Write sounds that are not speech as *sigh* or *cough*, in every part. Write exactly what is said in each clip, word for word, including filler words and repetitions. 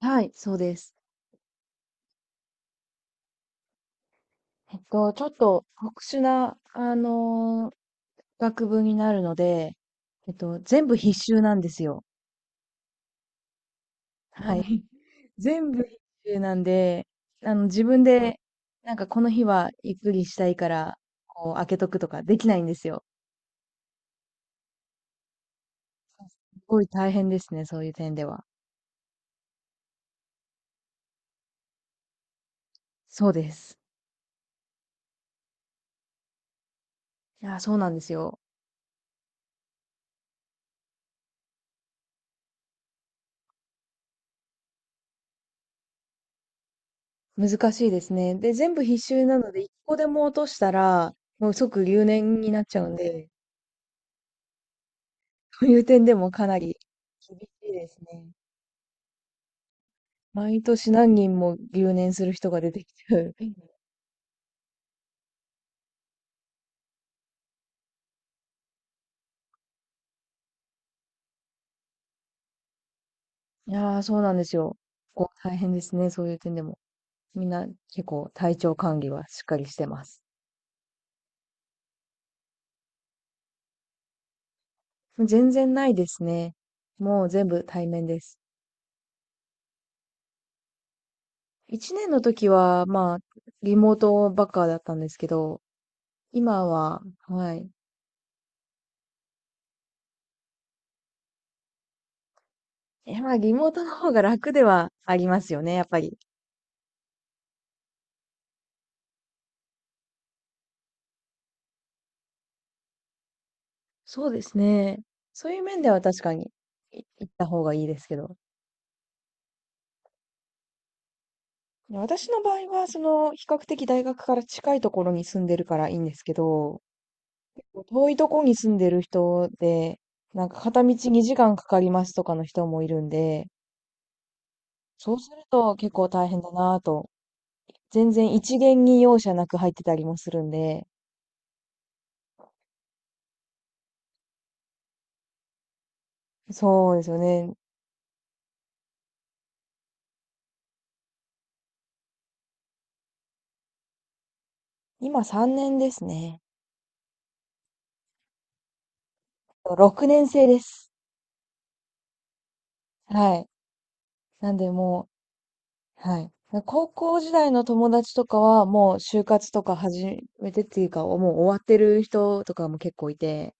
はい、そうです。えっと、ちょっと特殊な、あの、学部になるので、えっと、全部必修なんですよ。はい。*laughs* 全部必修なんで、あの、自分で、なんかこの日はゆっくりしたいから、こう、開けとくとかできないんですよ。すごい大変ですね、そういう点では。そうです。いや、そうなんですよ。難しいですね。で、全部必修なので、いっこでも落としたら、もう即留年になっちゃうんで、という点でもかなり厳しいですね。毎年何人も留年する人が出てきちゃう。うん。いやー、そうなんですよ。こう大変ですね、そういう点でも。みんな結構体調管理はしっかりしてます。全然ないですね。もう全部対面です。いちねんの時は、まあ、リモートばっかだったんですけど、今は、はい。え、まあ、リモートの方が楽ではありますよね、やっぱり。そうですね。そういう面では確かに、い行った方がいいですけど。私の場合は、その、比較的大学から近いところに住んでるからいいんですけど、結構遠いところに住んでる人で、なんか片道にじかんかかりますとかの人もいるんで、そうすると結構大変だなぁと。全然一元に容赦なく入ってたりもするんで、そうですよね。今さんねんですね。ろくねん生です。はい。なんでもう、はい。高校時代の友達とかは、もう就活とか始めてっていうか、もう終わってる人とかも結構いて、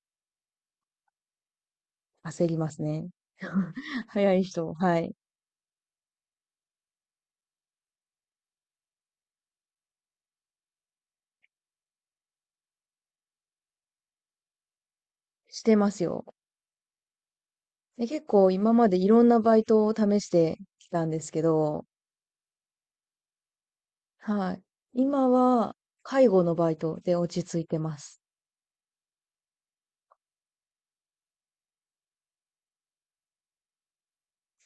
焦りますね。*laughs* 早い人、はい。してますよ。で、結構今までいろんなバイトを試してきたんですけど、はい。今は介護のバイトで落ち着いてます。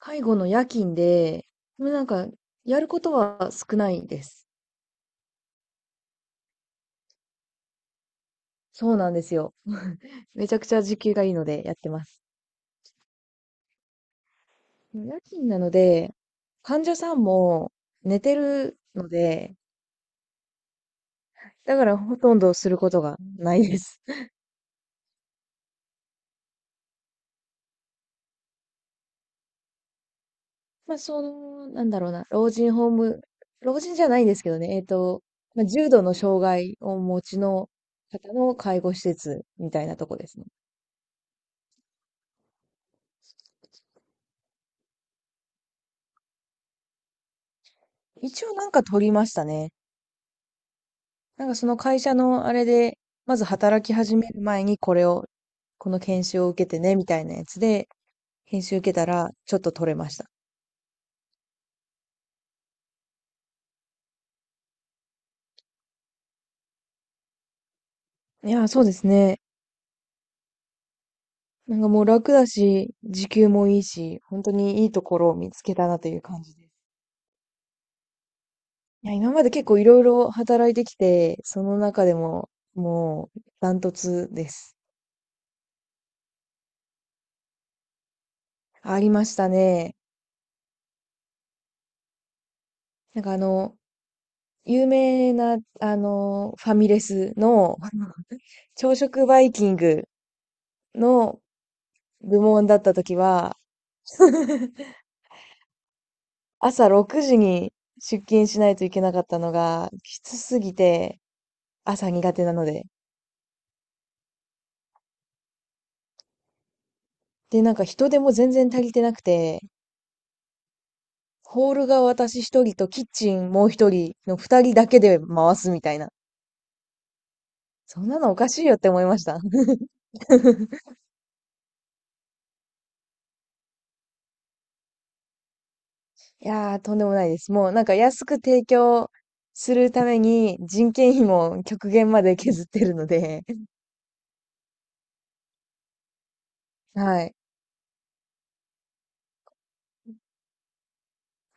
介護の夜勤で、でもなんか、やることは少ないです。そうなんですよ。めちゃくちゃ時給がいいのでやってます。夜勤なので、患者さんも寝てるので、だからほとんどすることがないです。*laughs* まあ、その、なんだろうな、老人ホーム、老人じゃないんですけどね、えっと、まあ、重度の障害をお持ちの方の介護施設みたいなとこですね。一応なんか取りましたね。なんかその会社のあれで、まず働き始める前にこれを、この研修を受けてね、みたいなやつで、研修受けたらちょっと取れました。いや、そうですね。なんかもう楽だし、時給もいいし、本当にいいところを見つけたなという感じです。いや、今まで結構いろいろ働いてきて、その中でももうダントツです。ありましたね。なんかあの、有名な、あの、ファミレスの *laughs* 朝食バイキングの部門だった時は、*laughs* 朝ろくじに出勤しないといけなかったのがきつすぎて、朝苦手なので、で、なんか人手も全然足りてなくて、ホールが私一人とキッチンもう一人のふたりだけで回すみたいな。そんなのおかしいよって思いました。*laughs* いやー、とんでもないです。もうなんか安く提供するために人件費も極限まで削ってるので、*laughs* はい。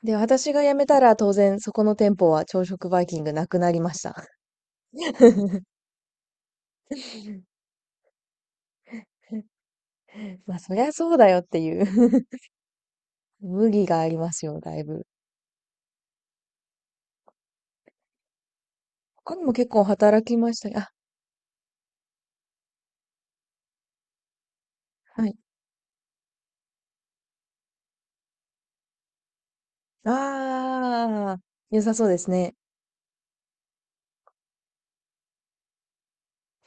で、私が辞めたら当然そこの店舗は朝食バイキングなくなりました。*laughs* まあそりゃそうだよっていう *laughs* 無理がありますよ、だいぶ。他にも結構働きました。あ、はい。ああ、良さそうですね。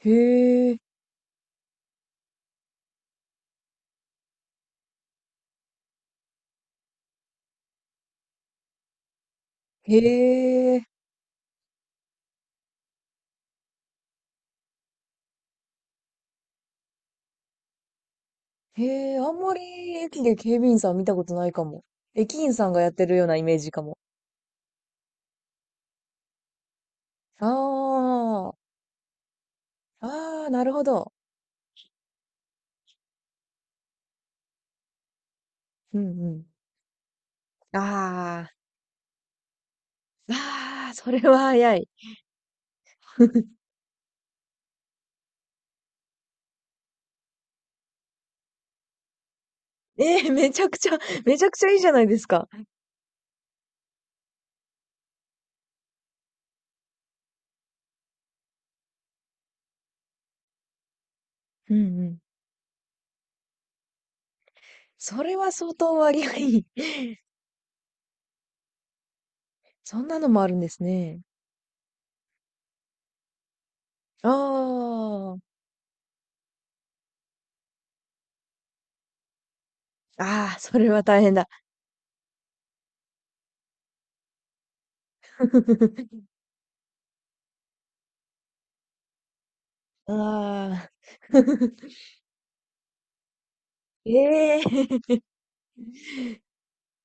へえ、へえ、へえ、あんまり駅で警備員さん見たことないかも。駅員さんがやってるようなイメージかも。ああ、ああ、なるほど。うんうん。ああ、ああ、それは早い。*laughs* えー、めちゃくちゃ、めちゃくちゃいいじゃないですか。うんうん。それは相当割がいい。*laughs* そんなのもあるんですね。ああ、ああ、それは大変だ。*laughs* ああ。*laughs* ええ。*laughs*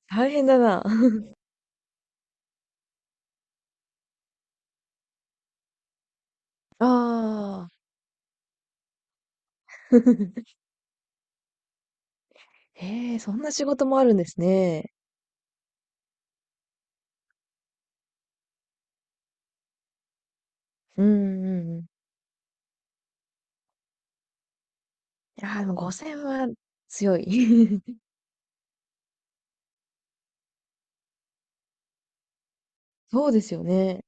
大変だな。*laughs* ああ。*laughs* ええ、そんな仕事もあるんですね。うんうんうん。ああ、でもごせんは強い。*laughs* そうですよね。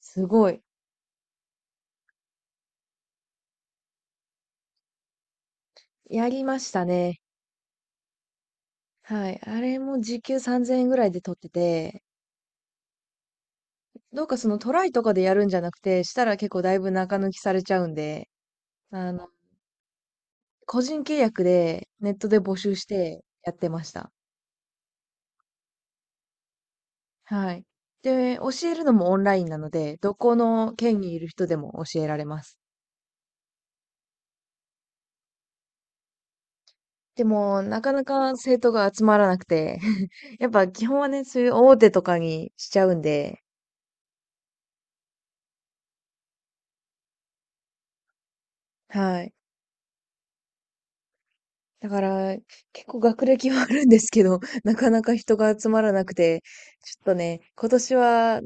すごい。やりましたね。はい。あれも時給さんぜんえんぐらいで取ってて、どうかそのトライとかでやるんじゃなくて、したら結構だいぶ中抜きされちゃうんで、あの、個人契約でネットで募集してやってました。はい。で、教えるのもオンラインなので、どこの県にいる人でも教えられます。でも、なかなか生徒が集まらなくて、*laughs* やっぱ基本はね、そういう大手とかにしちゃうんで、はい。だから、結構学歴はあるんですけど、*laughs* なかなか人が集まらなくて、ちょっとね、今年は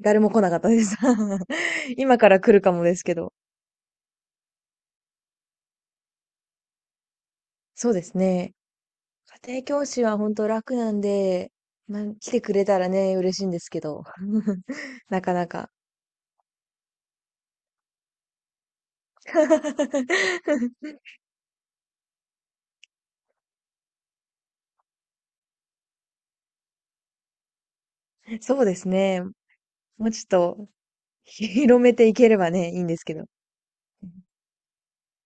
誰も来なかったです。*laughs* 今から来るかもですけど。そうですね。家庭教師はほんと楽なんで、まあ、来てくれたらね、嬉しいんですけど。*laughs* なかなか。*laughs* そうですね。もうちょっと広めていければね、いいんですけど。